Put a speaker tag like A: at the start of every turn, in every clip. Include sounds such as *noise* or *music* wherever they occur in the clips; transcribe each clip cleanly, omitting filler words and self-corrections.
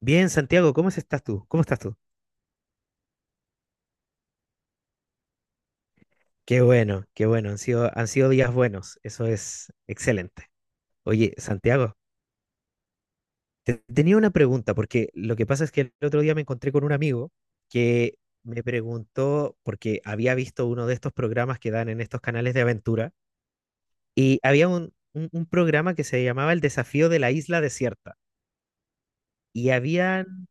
A: Bien, Santiago, ¿ estás tú? ¿Cómo estás tú? Qué bueno, han sido días buenos, eso es excelente. Oye, Santiago, te tenía una pregunta, porque lo que pasa es que el otro día me encontré con un amigo que me preguntó, porque había visto uno de estos programas que dan en estos canales de aventura, y había un programa que se llamaba El desafío de la isla desierta, y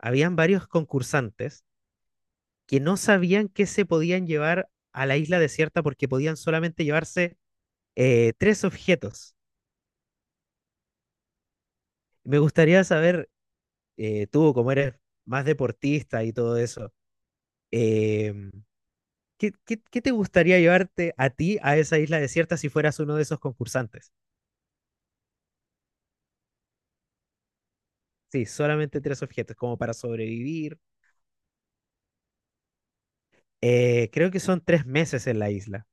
A: habían varios concursantes que no sabían qué se podían llevar a la isla desierta porque podían solamente llevarse tres objetos. Me gustaría saber, tú como eres más deportista y todo eso, eh, ¿ qué te gustaría llevarte a ti a esa isla desierta si fueras uno de esos concursantes? Sí, solamente tres objetos, como para sobrevivir. Creo que son tres meses en la isla.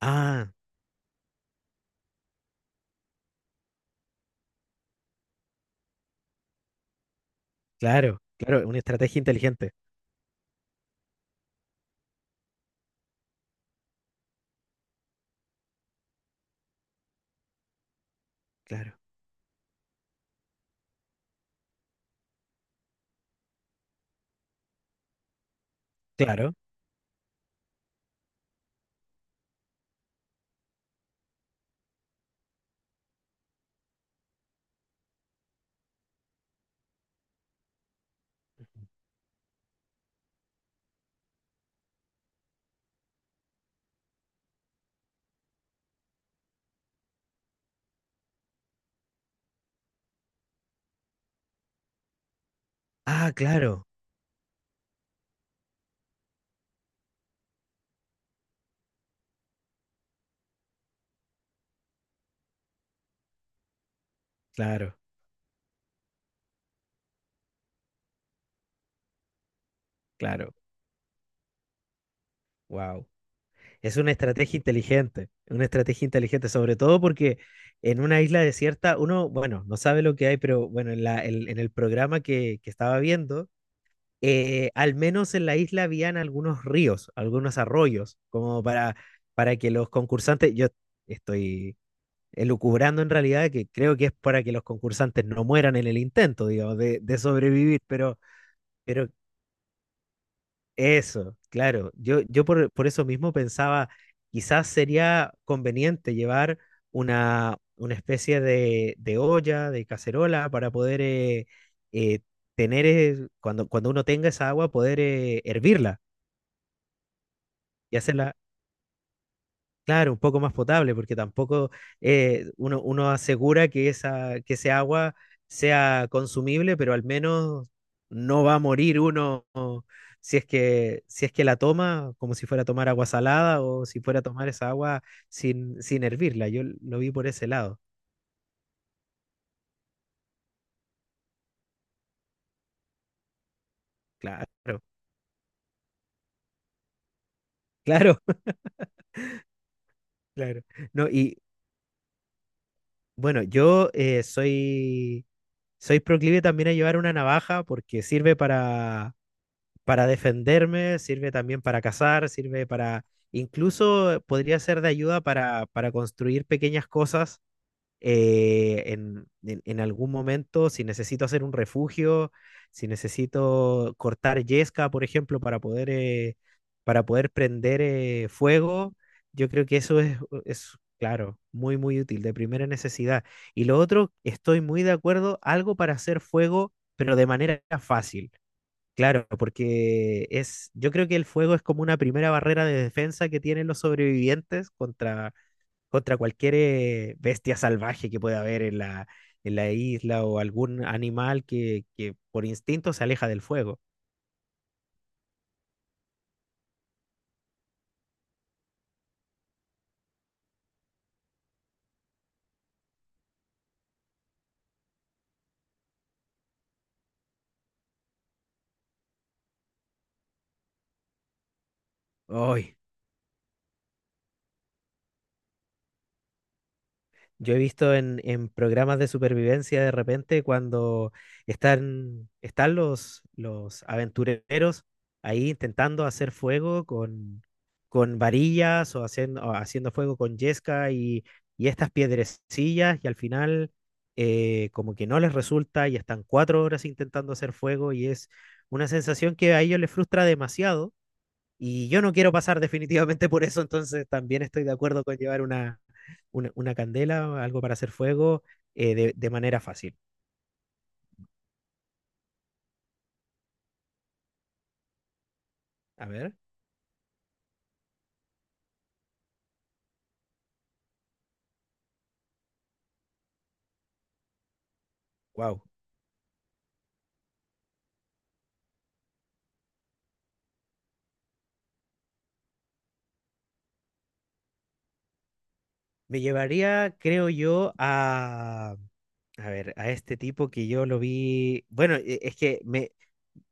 A: Ah, claro, claro, una estrategia inteligente. Claro, claro. Ah, claro, claro, claro. Wow. Es una estrategia inteligente, sobre todo porque en una isla desierta uno, bueno, no sabe lo que hay, pero bueno, en el programa que estaba viendo, al menos en la isla habían algunos ríos, algunos arroyos, como para que los concursantes, yo estoy elucubrando en realidad que creo que es para que los concursantes no mueran en el intento, digamos, de sobrevivir, pero eso, claro. Yo por eso mismo pensaba, quizás sería conveniente llevar una especie de olla, de cacerola, para poder eh, tener, cuando uno tenga esa agua, poder hervirla y hacerla claro, un poco más potable, porque tampoco uno asegura que esa, que ese agua sea consumible, pero al menos no va a morir uno o, si es que la toma como si fuera a tomar agua salada o si fuera a tomar esa agua sin hervirla. Yo lo vi por ese lado. Claro, claro, *laughs* claro. No, y bueno, yo soy proclive también a llevar una navaja porque sirve para defenderme, sirve también para cazar, sirve para, incluso podría ser de ayuda para construir pequeñas cosas en algún momento, si necesito hacer un refugio, si necesito cortar yesca, por ejemplo, para poder prender fuego, yo creo que eso es, claro, muy, muy útil, de primera necesidad. Y lo otro, estoy muy de acuerdo, algo para hacer fuego, pero de manera fácil. Claro, porque es, yo creo que el fuego es como una primera barrera de defensa que tienen los sobrevivientes contra, contra cualquier bestia salvaje que pueda haber en la isla o algún animal que por instinto se aleja del fuego. ¡Ay! Yo he visto en programas de supervivencia de repente cuando están los aventureros ahí intentando hacer fuego con varillas o haciendo fuego con yesca y estas piedrecillas y al final como que no les resulta y están cuatro horas intentando hacer fuego y es una sensación que a ellos les frustra demasiado y yo no quiero pasar definitivamente por eso, entonces también estoy de acuerdo con llevar una candela, algo para hacer fuego, de manera fácil. A ver, wow. Me llevaría, creo yo, a ver, a este tipo que yo lo vi, bueno,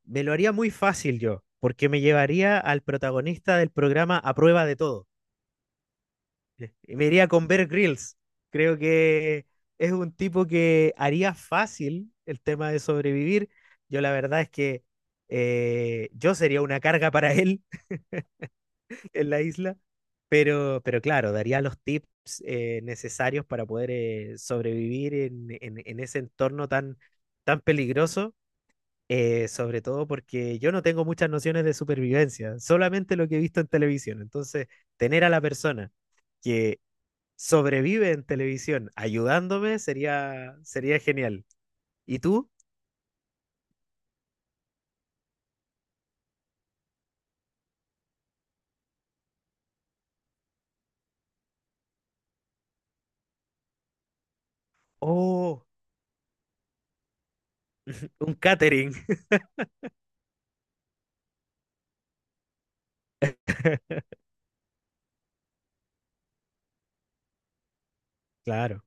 A: me lo haría muy fácil yo, porque me llevaría al protagonista del programa A Prueba de Todo. Me iría con Bear Grylls. Creo que es un tipo que haría fácil el tema de sobrevivir. Yo la verdad es que yo sería una carga para él *laughs* en la isla, pero claro, daría los tips necesarios para poder sobrevivir en ese entorno tan, tan peligroso, sobre todo porque yo no tengo muchas nociones de supervivencia, solamente lo que he visto en televisión. Entonces, tener a la persona que sobrevive en televisión ayudándome sería, sería genial. ¿Y tú? Oh, un catering. *laughs* Claro.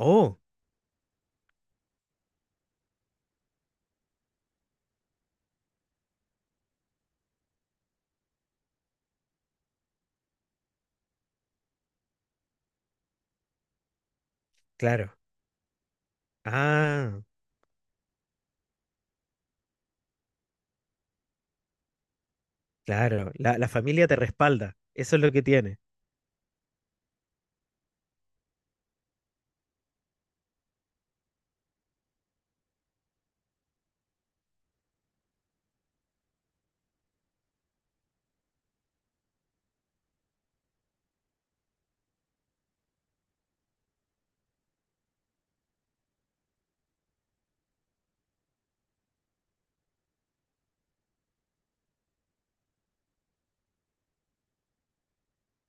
A: Oh, claro. Ah, claro. La familia te respalda. Eso es lo que tiene.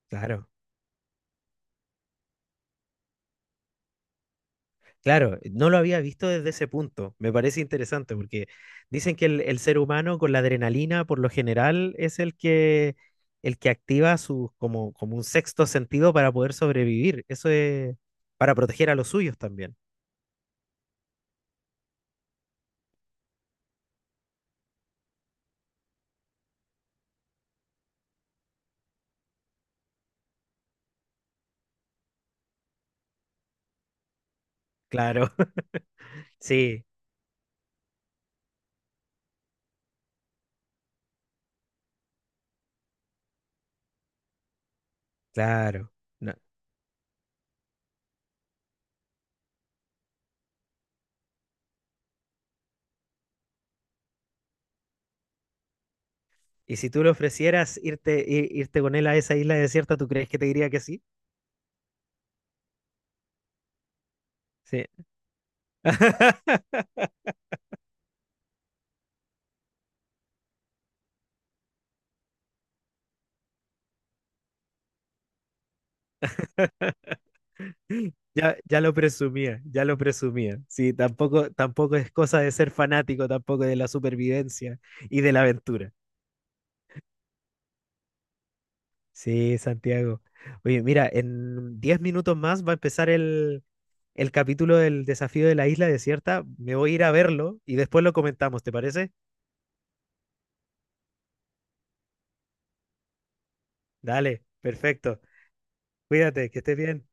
A: Claro. Claro, no lo había visto desde ese punto. Me parece interesante porque dicen que el ser humano con la adrenalina por lo general es el el que activa su, como, como un sexto sentido para poder sobrevivir. Eso es para proteger a los suyos también. Claro. Sí, claro. No. Y si tú le ofrecieras irte, irte con él a esa isla desierta, ¿tú crees que te diría que sí? Sí. *laughs* Ya, ya lo presumía, ya lo presumía. Sí, tampoco, tampoco es cosa de ser fanático, tampoco de la supervivencia y de la aventura. Sí, Santiago. Oye, mira, en 10 minutos más va a empezar el capítulo del desafío de la isla desierta. Me voy a ir a verlo y después lo comentamos, ¿te parece? Dale, perfecto. Cuídate, que estés bien.